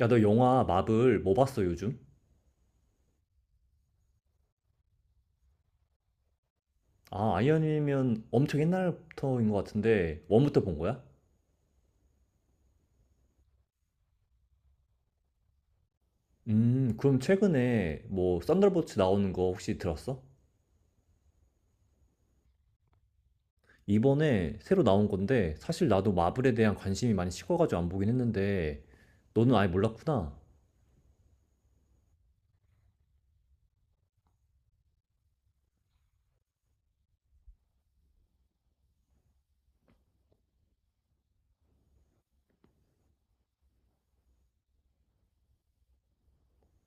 야, 너 영화 마블 뭐 봤어, 요즘? 아, 아이언맨이면 엄청 옛날부터인 것 같은데, 원부터 본 거야? 그럼 최근에 뭐, 썬더볼츠 나오는 거 혹시 들었어? 이번에 새로 나온 건데, 사실 나도 마블에 대한 관심이 많이 식어가지고 안 보긴 했는데, 너는 아예 몰랐구나.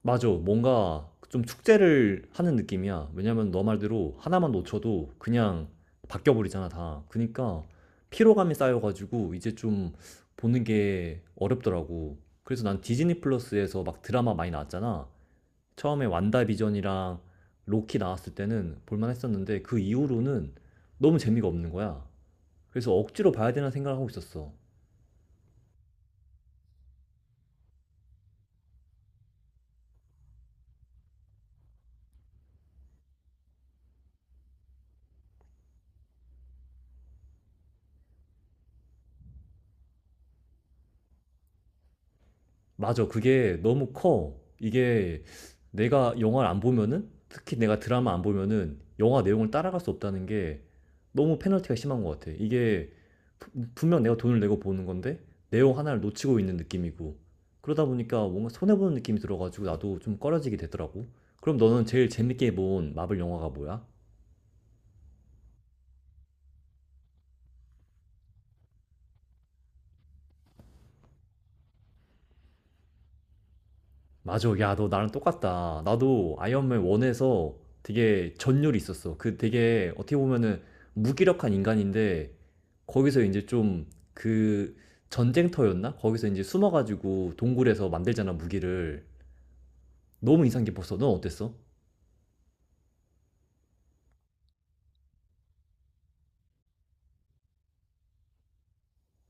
맞아. 뭔가 좀 축제를 하는 느낌이야. 왜냐면 너 말대로 하나만 놓쳐도 그냥 바뀌어 버리잖아, 다. 그니까 피로감이 쌓여가지고 이제 좀 보는 게 어렵더라고. 그래서 난 디즈니 플러스에서 막 드라마 많이 나왔잖아. 처음에 완다비전이랑 로키 나왔을 때는 볼만 했었는데 그 이후로는 너무 재미가 없는 거야. 그래서 억지로 봐야 되나 생각을 하고 있었어. 맞아. 그게 너무 커. 이게 내가 영화를 안 보면은, 특히 내가 드라마 안 보면은 영화 내용을 따라갈 수 없다는 게 너무 페널티가 심한 것 같아. 이게 분명 내가 돈을 내고 보는 건데 내용 하나를 놓치고 있는 느낌이고 그러다 보니까 뭔가 손해보는 느낌이 들어가지고 나도 좀 꺼려지게 되더라고. 그럼 너는 제일 재밌게 본 마블 영화가 뭐야? 맞아. 야, 너 나랑 똑같다. 나도 아이언맨 1에서 되게 전율이 있었어. 그 되게 어떻게 보면은 무기력한 인간인데 거기서 이제 좀 그 전쟁터였나? 거기서 이제 숨어가지고 동굴에서 만들잖아, 무기를. 너무 인상 깊었어. 넌 어땠어?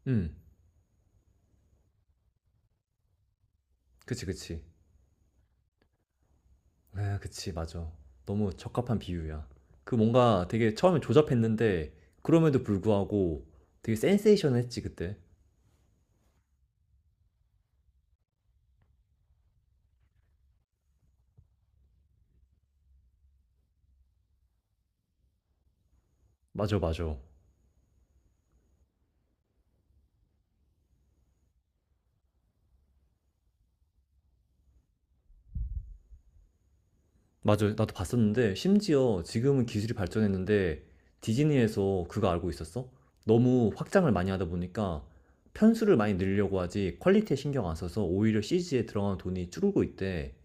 응. 그치, 그치. 아, 그치, 맞아. 너무 적합한 비유야. 그 뭔가 되게 처음에 조잡했는데 그럼에도 불구하고 되게 센세이션했지, 그때. 맞아, 맞아. 맞아요. 나도 봤었는데 심지어 지금은 기술이 발전했는데 디즈니에서 그거 알고 있었어? 너무 확장을 많이 하다 보니까 편수를 많이 늘려고 하지 퀄리티에 신경 안 써서 오히려 CG에 들어가는 돈이 줄고 있대.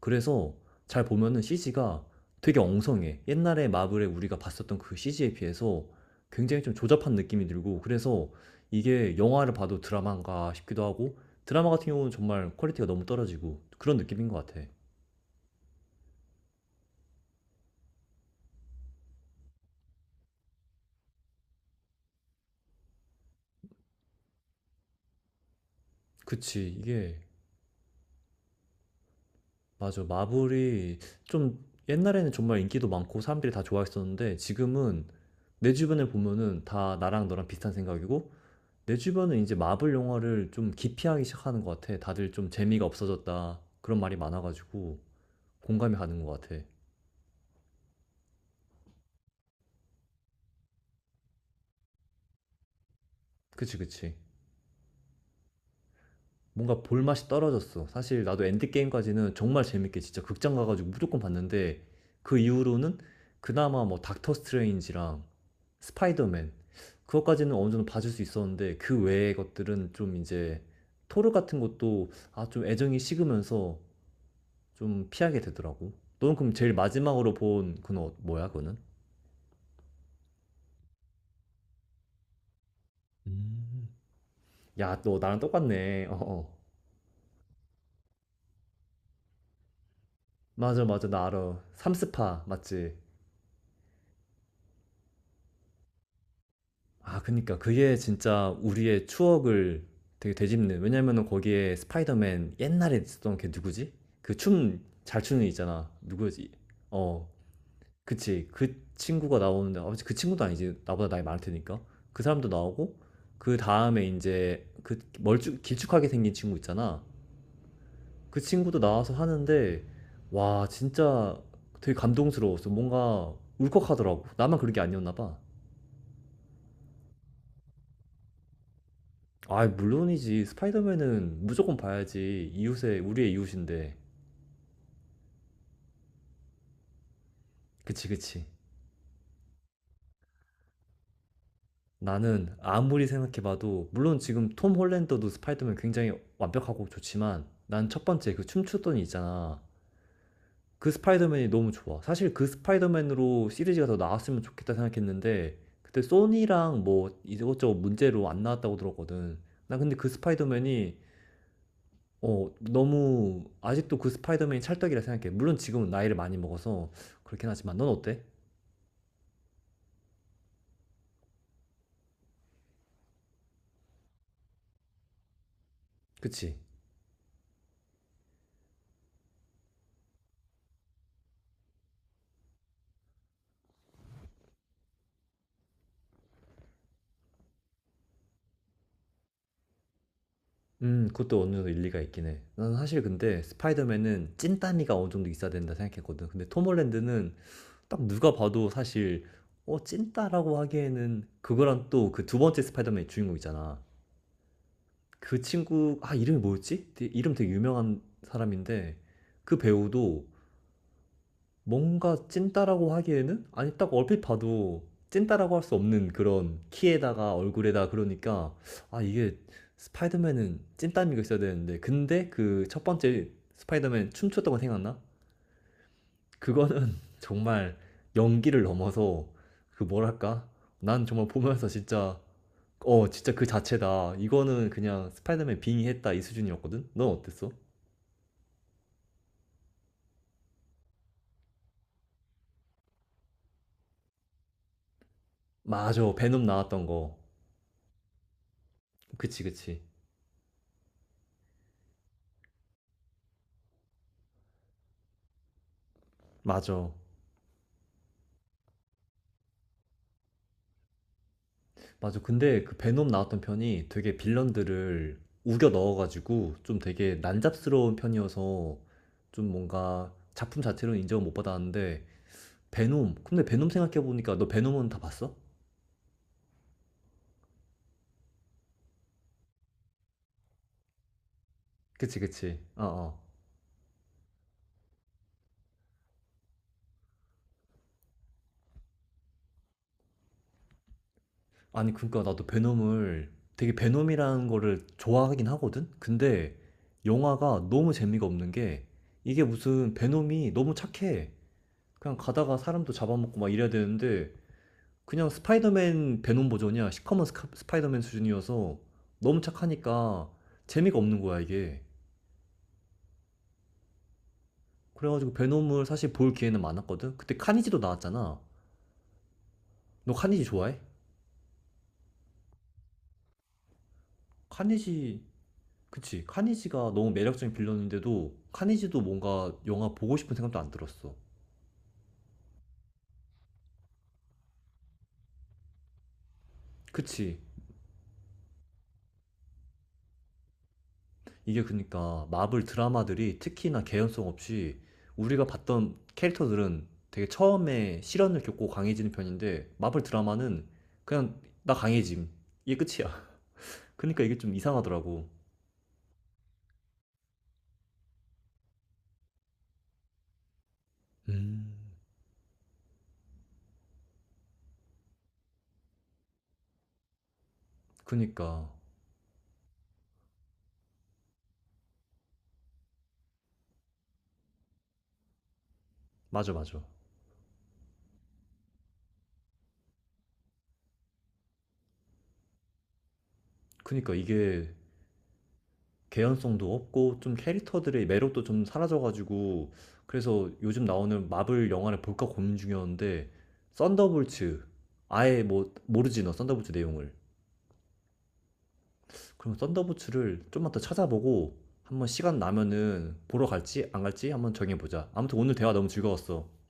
그래서 잘 보면은 CG가 되게 엉성해. 옛날에 마블에 우리가 봤었던 그 CG에 비해서 굉장히 좀 조잡한 느낌이 들고 그래서 이게 영화를 봐도 드라마인가 싶기도 하고 드라마 같은 경우는 정말 퀄리티가 너무 떨어지고 그런 느낌인 것 같아. 그치. 이게 맞아. 마블이 좀 옛날에는 정말 인기도 많고 사람들이 다 좋아했었는데 지금은 내 주변을 보면은 다 나랑 너랑 비슷한 생각이고 내 주변은 이제 마블 영화를 좀 기피하기 시작하는 것 같아. 다들 좀 재미가 없어졌다. 그런 말이 많아가지고 공감이 가는 것 같아. 그치, 그치. 뭔가 볼 맛이 떨어졌어. 사실 나도 엔드게임까지는 정말 재밌게 진짜 극장 가가지고 무조건 봤는데 그 이후로는 그나마 뭐 닥터 스트레인지랑 스파이더맨 그것까지는 어느 정도 봐줄 수 있었는데 그 외의 것들은 좀 이제 토르 같은 것도 아 좀 애정이 식으면서 좀 피하게 되더라고. 너는 그럼 제일 마지막으로 본 그건 뭐야 그거는? 음. 야, 너 나랑 똑같네. 어, 어. 맞아, 맞아, 나 알아. 삼스파, 맞지? 아 그니까 그게 진짜 우리의 추억을 되게 되짚는 왜냐면은 거기에 스파이더맨 옛날에 있었던 걔 누구지? 그 춤 잘 추는 애 있잖아. 누구지? 어. 그치. 그 친구가 나오는데 아, 그 친구도 아니지. 나보다 나이 많을 테니까. 그 사람도 나오고 그 다음에 이제 그 멀쭉 길쭉하게 생긴 친구 있잖아. 그 친구도 나와서 하는데 와 진짜 되게 감동스러웠어. 뭔가 울컥하더라고. 나만 그런 게 아니었나 봐. 아, 물론이지. 스파이더맨은 무조건 봐야지. 이웃의, 우리의 이웃인데. 그치, 그치. 나는 아무리 생각해봐도, 물론 지금 톰 홀랜더도 스파이더맨 굉장히 완벽하고 좋지만, 난 첫 번째 그 춤추던 이 있잖아. 그 스파이더맨이 너무 좋아. 사실 그 스파이더맨으로 시리즈가 더 나왔으면 좋겠다 생각했는데, 그때 소니랑 뭐 이것저것 문제로 안 나왔다고 들었거든. 나 근데 그 스파이더맨이 어 너무 아직도 그 스파이더맨이 찰떡이라 생각해. 물론 지금은 나이를 많이 먹어서 그렇긴 하지만 넌 어때? 그치? 그것도 어느 정도 일리가 있긴 해. 나는 사실 근데 스파이더맨은 찐따미가 어느 정도 있어야 된다 생각했거든. 근데 톰 홀랜드는 딱 누가 봐도 사실 어 찐따라고 하기에는 그거랑 또 그 두 번째 스파이더맨 주인공 있잖아. 그 친구 아 이름이 뭐였지? 이름 되게 유명한 사람인데 그 배우도 뭔가 찐따라고 하기에는 아니 딱 얼핏 봐도 찐따라고 할 수 없는 그런 키에다가 얼굴에다 그러니까 아 이게 스파이더맨은 찐따미가 있어야 되는데 근데 그 첫 번째 스파이더맨 춤췄던 거 생각나? 그거는 정말 연기를 넘어서 그 뭐랄까? 난 정말 보면서 진짜 어 진짜 그 자체다 이거는 그냥 스파이더맨 빙의했다 이 수준이었거든? 넌 어땠어? 맞아 베놈 나왔던 거 그치 그치 맞아, 맞아. 근데 그 베놈 나왔던 편이 되게 빌런들을 우겨 넣어가지고 좀 되게 난잡스러운 편이어서 좀 뭔가 작품 자체로는 인정을 못 받았는데 베놈. 근데 베놈 생각해보니까 너 베놈은 다 봤어? 그치, 그치. 어, 어. 아니, 그러니까 나도 베놈을 되게 베놈이라는 거를 좋아하긴 하거든? 근데 영화가 너무 재미가 없는 게 이게 무슨 베놈이 너무 착해. 그냥 가다가 사람도 잡아먹고 막 이래야 되는데 그냥 스파이더맨 베놈 버전이야. 시커먼 스파이더맨 수준이어서 너무 착하니까 재미가 없는 거야, 이게. 그래가지고 베놈을 사실 볼 기회는 많았거든? 그때 카니지도 나왔잖아. 너 카니지 좋아해? 카니지, 그치. 카니지가 너무 매력적인 빌런인데도 카니지도 뭔가 영화 보고 싶은 생각도 안 들었어. 그치. 이게 그러니까 마블 드라마들이 특히나 개연성 없이 우리가 봤던 캐릭터들은 되게 처음에 시련을 겪고 강해지는 편인데 마블 드라마는 그냥 나 강해짐 이게 끝이야. 그러니까 이게 좀 이상하더라고. 음. 그니까 맞아, 맞아. 그니까 이게 개연성도 없고 좀 캐릭터들의 매력도 좀 사라져가지고 그래서 요즘 나오는 마블 영화를 볼까 고민 중이었는데 썬더볼츠 아예 뭐 모르지 너 썬더볼츠 내용을 그럼 썬더부츠를 좀만 더 찾아보고 한번 시간 나면은 보러 갈지 안 갈지 한번 정해보자. 아무튼 오늘 대화 너무 즐거웠어.